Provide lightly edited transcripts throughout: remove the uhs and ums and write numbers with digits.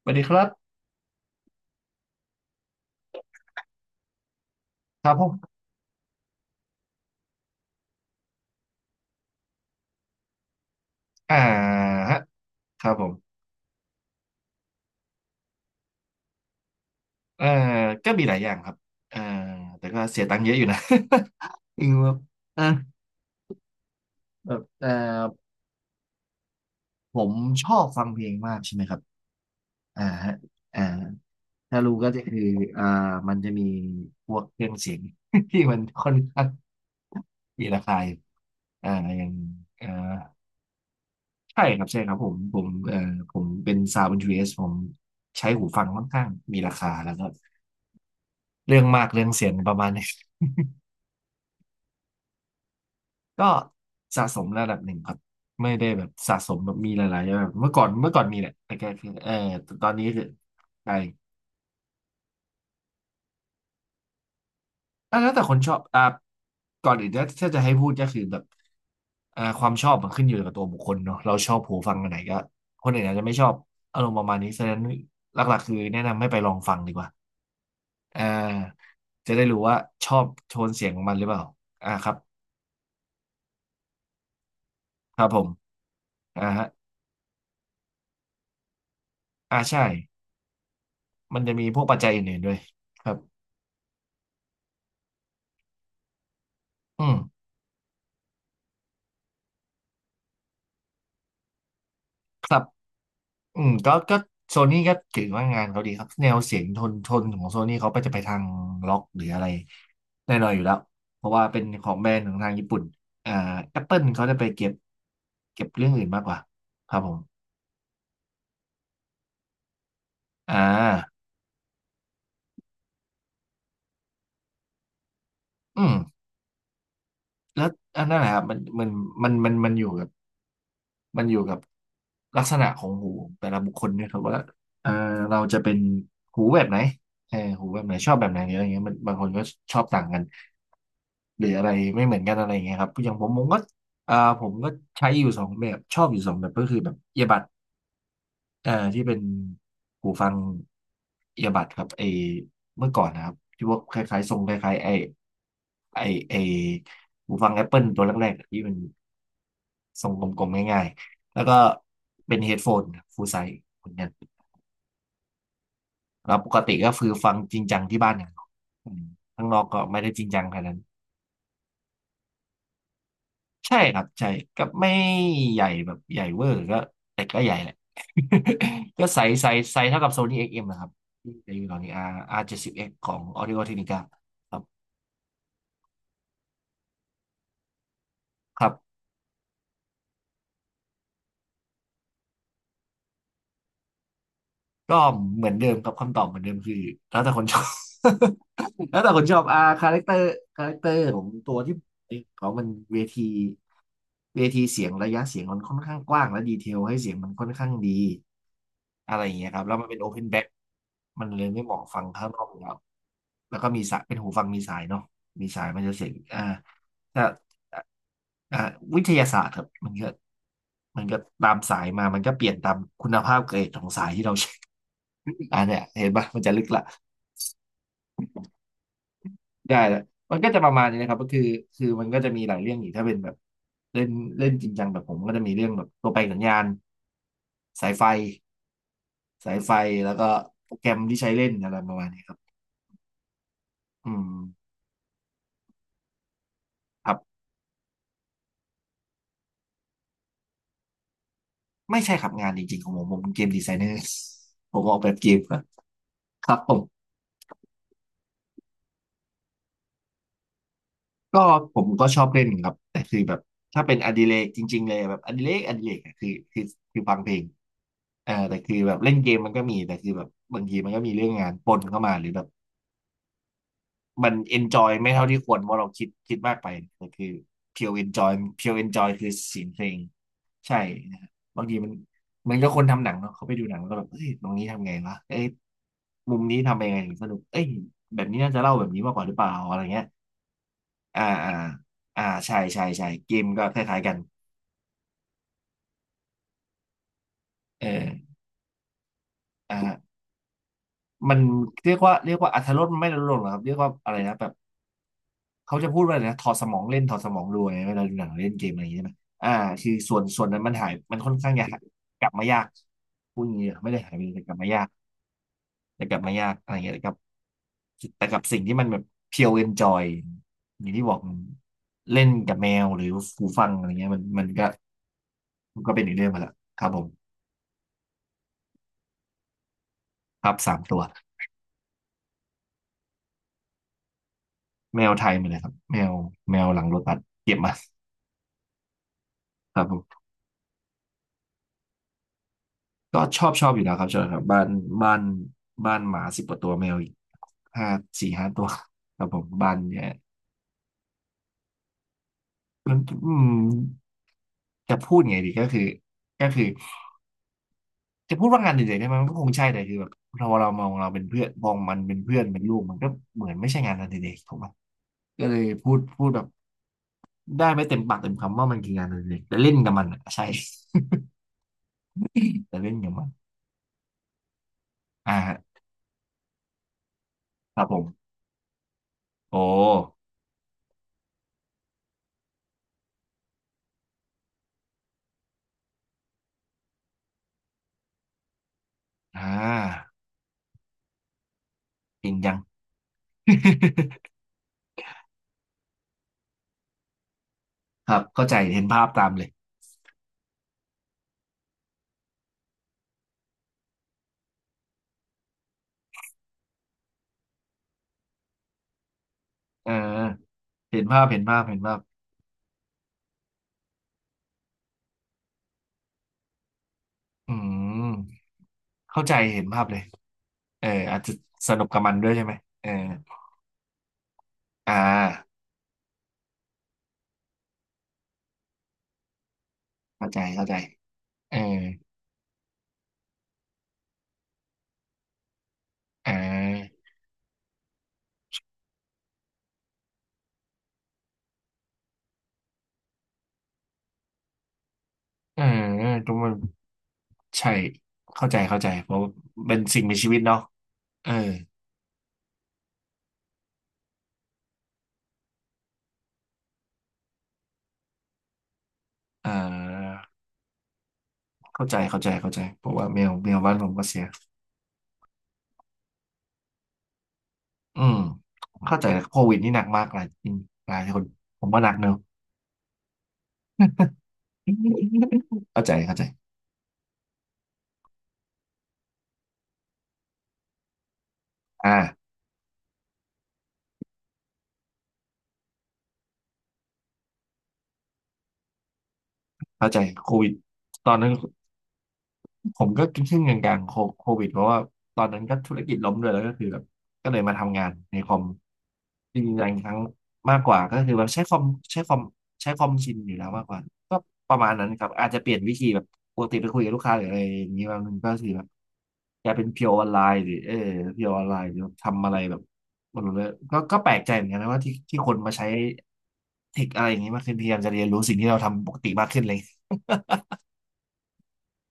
สวัสดีครับครับผมอ่าฮะครับผมเอ่อก็มีหลายอย่างครับเอ่อแต่ก็เสียตังค์เยอะอยู่นะ จริงครับอ่าแบบเอ่อผมชอบฟังเพลงมากใช่ไหมครับอ่าฮะอ่าถ้ารู้ก็จะคืออ่ามันจะมีพวกเครื่องเสียง ที่มันค่อนข้างมีราคาอยู่อ่าอย่างเอ่อใช่ครับใช่ครับผมผมเป็นซาวด์เ n นจิีผมใช้หูฟังค่อนข้างมีราคาแล้วก็เรื่องมากเรื่องเสียงประมาณนี้ ก็สะสมระดับหนึ่งครับไม่ได้แบบสะสมแบบมีหลายๆแบบเมื่อก่อนมีแหละแต่แกคือตอนนี้คือใกลอ่ะแล้วแต่คนชอบอ่ะก่อนอื่นถ้าจะให้พูดก็คือแบบความชอบมันขึ้นอยู่กับตัวบุคคลเนาะเราชอบหูฟังอันไหนก็คนอื่นอาจจะไม่ชอบอารมณ์ประมาณนี้ฉะนั้นหลักๆคือแนะนำให้ไปลองฟังดีกว่าอ่าจะได้รู้ว่าชอบโทนเสียงของมันหรือเปล่าอ่าครับครับผมอ่าฮะอ่าใช่มันจะมีพวกปัจจัยอื่นๆด้วยครับอืม ครับอืมก็โซนี่ก็ถือว่างานเขาดีครับ แนวเสียงทนทนของโซนี่เขาไปจะไปทางล็อกหรืออะไรแน่นอนอยู่แล้ว เพราะว่าเป็นของแบรนด์ของทางญี่ปุ่นอ่าแอปเปิลเขาจะไปเก็บเรื่องอื่นมากกว่าครับผมอ่าอืม แล้วอันนั้นแหละครับมันอยู่กับมันอยู่กับลักษณะของหูแต่ละบุคคลเนี่ยครับว่าเออเราจะเป็นหูแบบไหนหูแบบไหนชอบแบบไหนหรืออะไรเงี้ยมันบางคนก็ชอบต่างกัน หรืออะไรไม่เหมือนกันอะไรอย่างเงี้ยครับอย่างผมผมก็อ่าผมก็ใช้อยู่สองแบบชอบอยู่สองแบบก็คือแบบเอียบัดที่เป็นหูฟังเอียบัดครับเมื่อก่อนนะครับที่ว่าคล้ายๆทรงคล้ายๆไอไอไอหูฟัง Apple ตัวแรกๆอะที่มันทรงกลมๆง่ายๆแล้วก็เป็นเฮดโฟนฟูลไซส์เหมือนกันแล้วปกติก็คือฟังจริงจังที่บ้านอย่างเดียวอืมข้างนอกก็ไม่ได้จริงจังขนาดนั้น ใช่ครับใช่ก็ไม่ใหญ่แบบใหญ่เวอร์ก็แต่ก็ใหญ่แหละ ก็ใสใสใสเท่ากับโซนี่เอ็กซ์เอ็มนะครับที่ใช้อยู่ตอนนี้ R ์อาร์70เอ็กซ์ของ Audio Technica ครับครับ ก็เหมือนเดิมครับคำตอบเหมือนเดิมคือแล้วแต่คนชอบ แล้วแต่คนชอบอ่าคาแรคเตอร์คาแรคเตอร์ของตัวที่เขามันเวทีเวทีเสียงระยะเสียงมันค่อนข้างกว้างและดีเทลให้เสียงมันค่อนข้างดีอะไรอย่างเงี้ยครับแล้วมันเป็นโอเพนแบ็คมันเลยไม่เหมาะฟังข้างนอกอยู่แล้วแล้วก็มีสายเป็นหูฟังมีสายเนาะมีสายมันจะเสียงถ้าวิทยาศาสตร์ครับมันก็ตามสายมามันก็เปลี่ยนตามคุณภาพเกรดของสายที่เราใช้อ่าเนี่ยเห็นปะมันจะลึกละได้ละมันก็จะประมาณนี้นะครับก็คือคือมันก็จะมีหลายเรื่องอีกถ้าเป็นแบบเล่นเล่นจริงจังแบบผมก็จะมีเรื่องแบบตัวแปลสัญญาณสายไฟสายไฟแล้วก็โปรแกรมที่ใช้เล่นอะไรประมาณนี้ครับอืมครับไม่ใช่ครับงานจริงๆของผมผมเป็นเกมดีไซเนอร์ ผมออกแบบเกมครับครับผม ก็ผมก็ชอบเล่นครับแต่คือแบบถ้าเป็นอดิเรกจริงๆเลยแบบอดิเรกอดิเรกอะคือคือฟังเพลงเออแต่คือแบบเล่นเกมมันก็มีแต่คือแบบบางทีมันก็มีเรื่องงานปนเข้ามาหรือแบบ มันเอนจอยไม่เท่าที่ควรเพราะเราคิดมากไปแต่คือเพียวเอนจอยเพียวเอนจอยคือเสียงเพลงใช่นะฮะบางทีมันเหมือนกับคนทำหนังเนาะเขาไปดูหนังแล้วก็แบบเอ้ยตรงนี้ทำไงวะเอ้ยมุมนี้ทำยังไงถึงสนุกเอ้ยแบบนี้น่าจะเล่าแบบนี้มากกว่าหรือเปล่าอะไรเงี้ยอ่าอ่าอ่าใช่ใช่ใช่เกมก็คล้ายๆกันเอออ่ามันเรียกว่าอรรถรสมันไม่ลดลงหรอกครับเรียกว่าอะไรนะแบบ เขาจะพูดว่าอะไรนะถอดสมองเล่นถอดสมองดูไงเวลาดูหนังเล่นเกมอะไรอย่างเงี้ยใช่ไหมอ่าคือส่วนนั้นมันหายมันค่อนข้างยากกลับมายากพูดอย่างนี้ไม่ได้หายไปเลยแต่กลับมายากแต่กลับมายากอะไรเงี้ยแต่กับแต่กับสิ่งที่มันแบบเพียวเอนจอยอย่างที่บอกเล่นกับแมวหรือหูฟังอะไรเงี้ยมันก็มันก็เป็นอีกเรื่องไปละครับผมครับสามตัวแมวไทยมาเลยครับแมวแมวหลังรถบัสเก็บมาครับผมก็ชอบชอบอยู่แล้วครับชอบครับบ้านบ้านหมาสิบกว่าตัวแมวอีก ห้าสี่ห้าตัวครับผมบันเนี่ยมันอืมจะพูดไงดีก็คือก็คือจะพูดว่างานเด่นๆได้ไหมมันก็คงใช่แต่คือแบบเรามองเราเป็นเพื่อนมองมันเป็นเพื่อนเป็นลูกมันก็เหมือนไม่ใช่งานอดิเรกถูกไหมก็เลยพูดแบบได้ไม่เต็มปากเต็มคำว่ามันคืองานอดิเรกแต่เล่นกับมันอะใช่ แต่เล่นกับมันอ่าครับผมโอ้อ่าจริงจัง ครับเข้าใจเห็นภาพตามเลยเออเห็นภาพเห็นภาพเห็นภาพอืมเข้าใจเห็นภาพเลย เอออาจจะสนุกกับมันด้วยใช่ไหมเอออ่าเข้าใจเข้าใจเอออ่าเออทุกมันใช่เข้าใจเข้าใจเพราะเป็นสิ่งมีชีวิตเนาะเอออ่าเข้าใจเข้าใจเข้าใจเพราะว่าแมวแมวบ้านผมก็เสียอืมเข้าใจโควิดนี่หนักมากหลายอืมหลายคนผมก็หนักเนอะเข้าใจเข้าใจอ่าเข้าใจโควิดตอนนั้น ผมก็ครึ่งๆกลางๆโคโควิดเพราะว่าตอนนั้นก็ธุรกิจล้มด้วยแล้วก็คือแบบก็เลยมาทำงานในคอมจริงๆหลายครั้งมากกว่าก็คือแบบใช้คอมใช้คอมชินอยู่แล้วมากกว่าก็ประมาณนั้นครับอาจจะเปลี่ยนวิธีแบบปกติไปคุยกับลูกค้าหรืออะไรอย่างนี้มันก็คือแบบกลายเป็นเพียวออนไลน์หรือเออเพียวออนไลน์หรือทำอะไรแบบหมดเลยก็ก็แปลกใจเหมือนกันนะว่าที่ที่คนมาใช้เทคอะไรอย่างนี้มากขึ้นพยายามจะเรียนรู้สิ่งที่เราทำปกติมากขึ้นเลย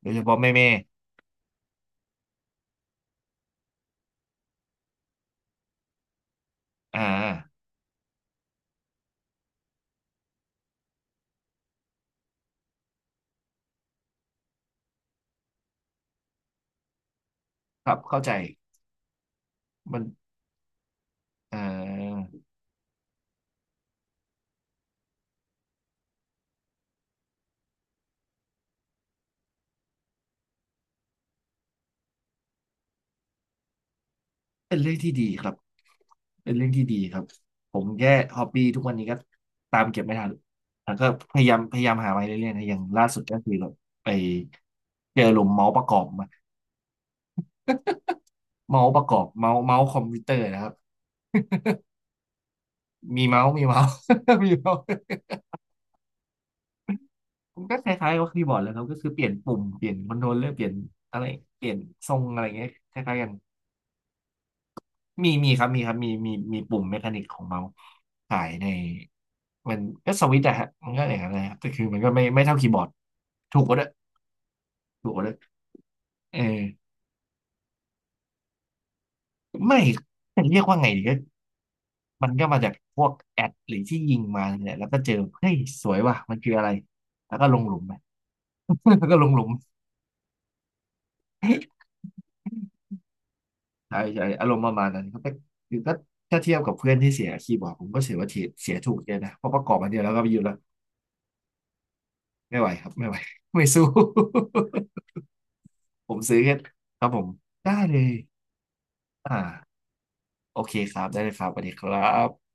โดยเฉพาะแม่แม่อ่าครับเข้าใจ มันอ่าเป็นเรื่องที่ดีครับเป็นเรื่องที่ดีครับผมแค่ฮอบบี้ทุกวันนี้ก็ตามเก็บไม่ทันแล้วก็พยายามหามาเรื่อยๆนะอย่างล่าสุดก็คือแบบไปเจอหลุมเมาส์ประกอบมาเมาส์ประกอบเมาส์คอมพิวเตอร์นะครับมีเมาส์ มีเมาส์มันก็คล้ายๆกับคีย์บอร์ดเลยครับก็คือเปลี่ยนปุ่มเปลี่ยนคอนโทรลเลอร์เปลี่ยนอะไรเปลี่ยนทรงอะไรเงี้ยคล้ายๆกัน มีครับมีครับมีปุ่มเมคานิกของเมาส์ขายในมันก็สวิตช์อะฮะมันก็อย่างนั้นเละครับแต่คือมันก็ไม่เท่าคีย์บอร์ดถูกกว่าด้วยถูกกว่าด้วยเออไม่จะเรียกว่าไงดีก็มันก็มาจากพวกแอดหรือที่ยิงมาเนี่ยแล้วก็เจอเฮ้ยสวยว่ะมันคืออะไรแล้วก็ลงหลุมไป แล้วก็ลงหลุมใช่ใช่อารมณ์ประมาณนั้นครับแต่คือก็ถ้าเทียบกับเพื่อนที่เสียคีย์บอร์ดผมก็เสียว่าเสียถูกเยอะนะเพราะประกอบมาเดียวแล้วก็ไปอยู่แล้วไม่ไหวครับไม่ไหว ไม่สู้ ผมซื้อครับผมได้เลยอ่าโอเคครับได้เลยครับสวัสดีครับ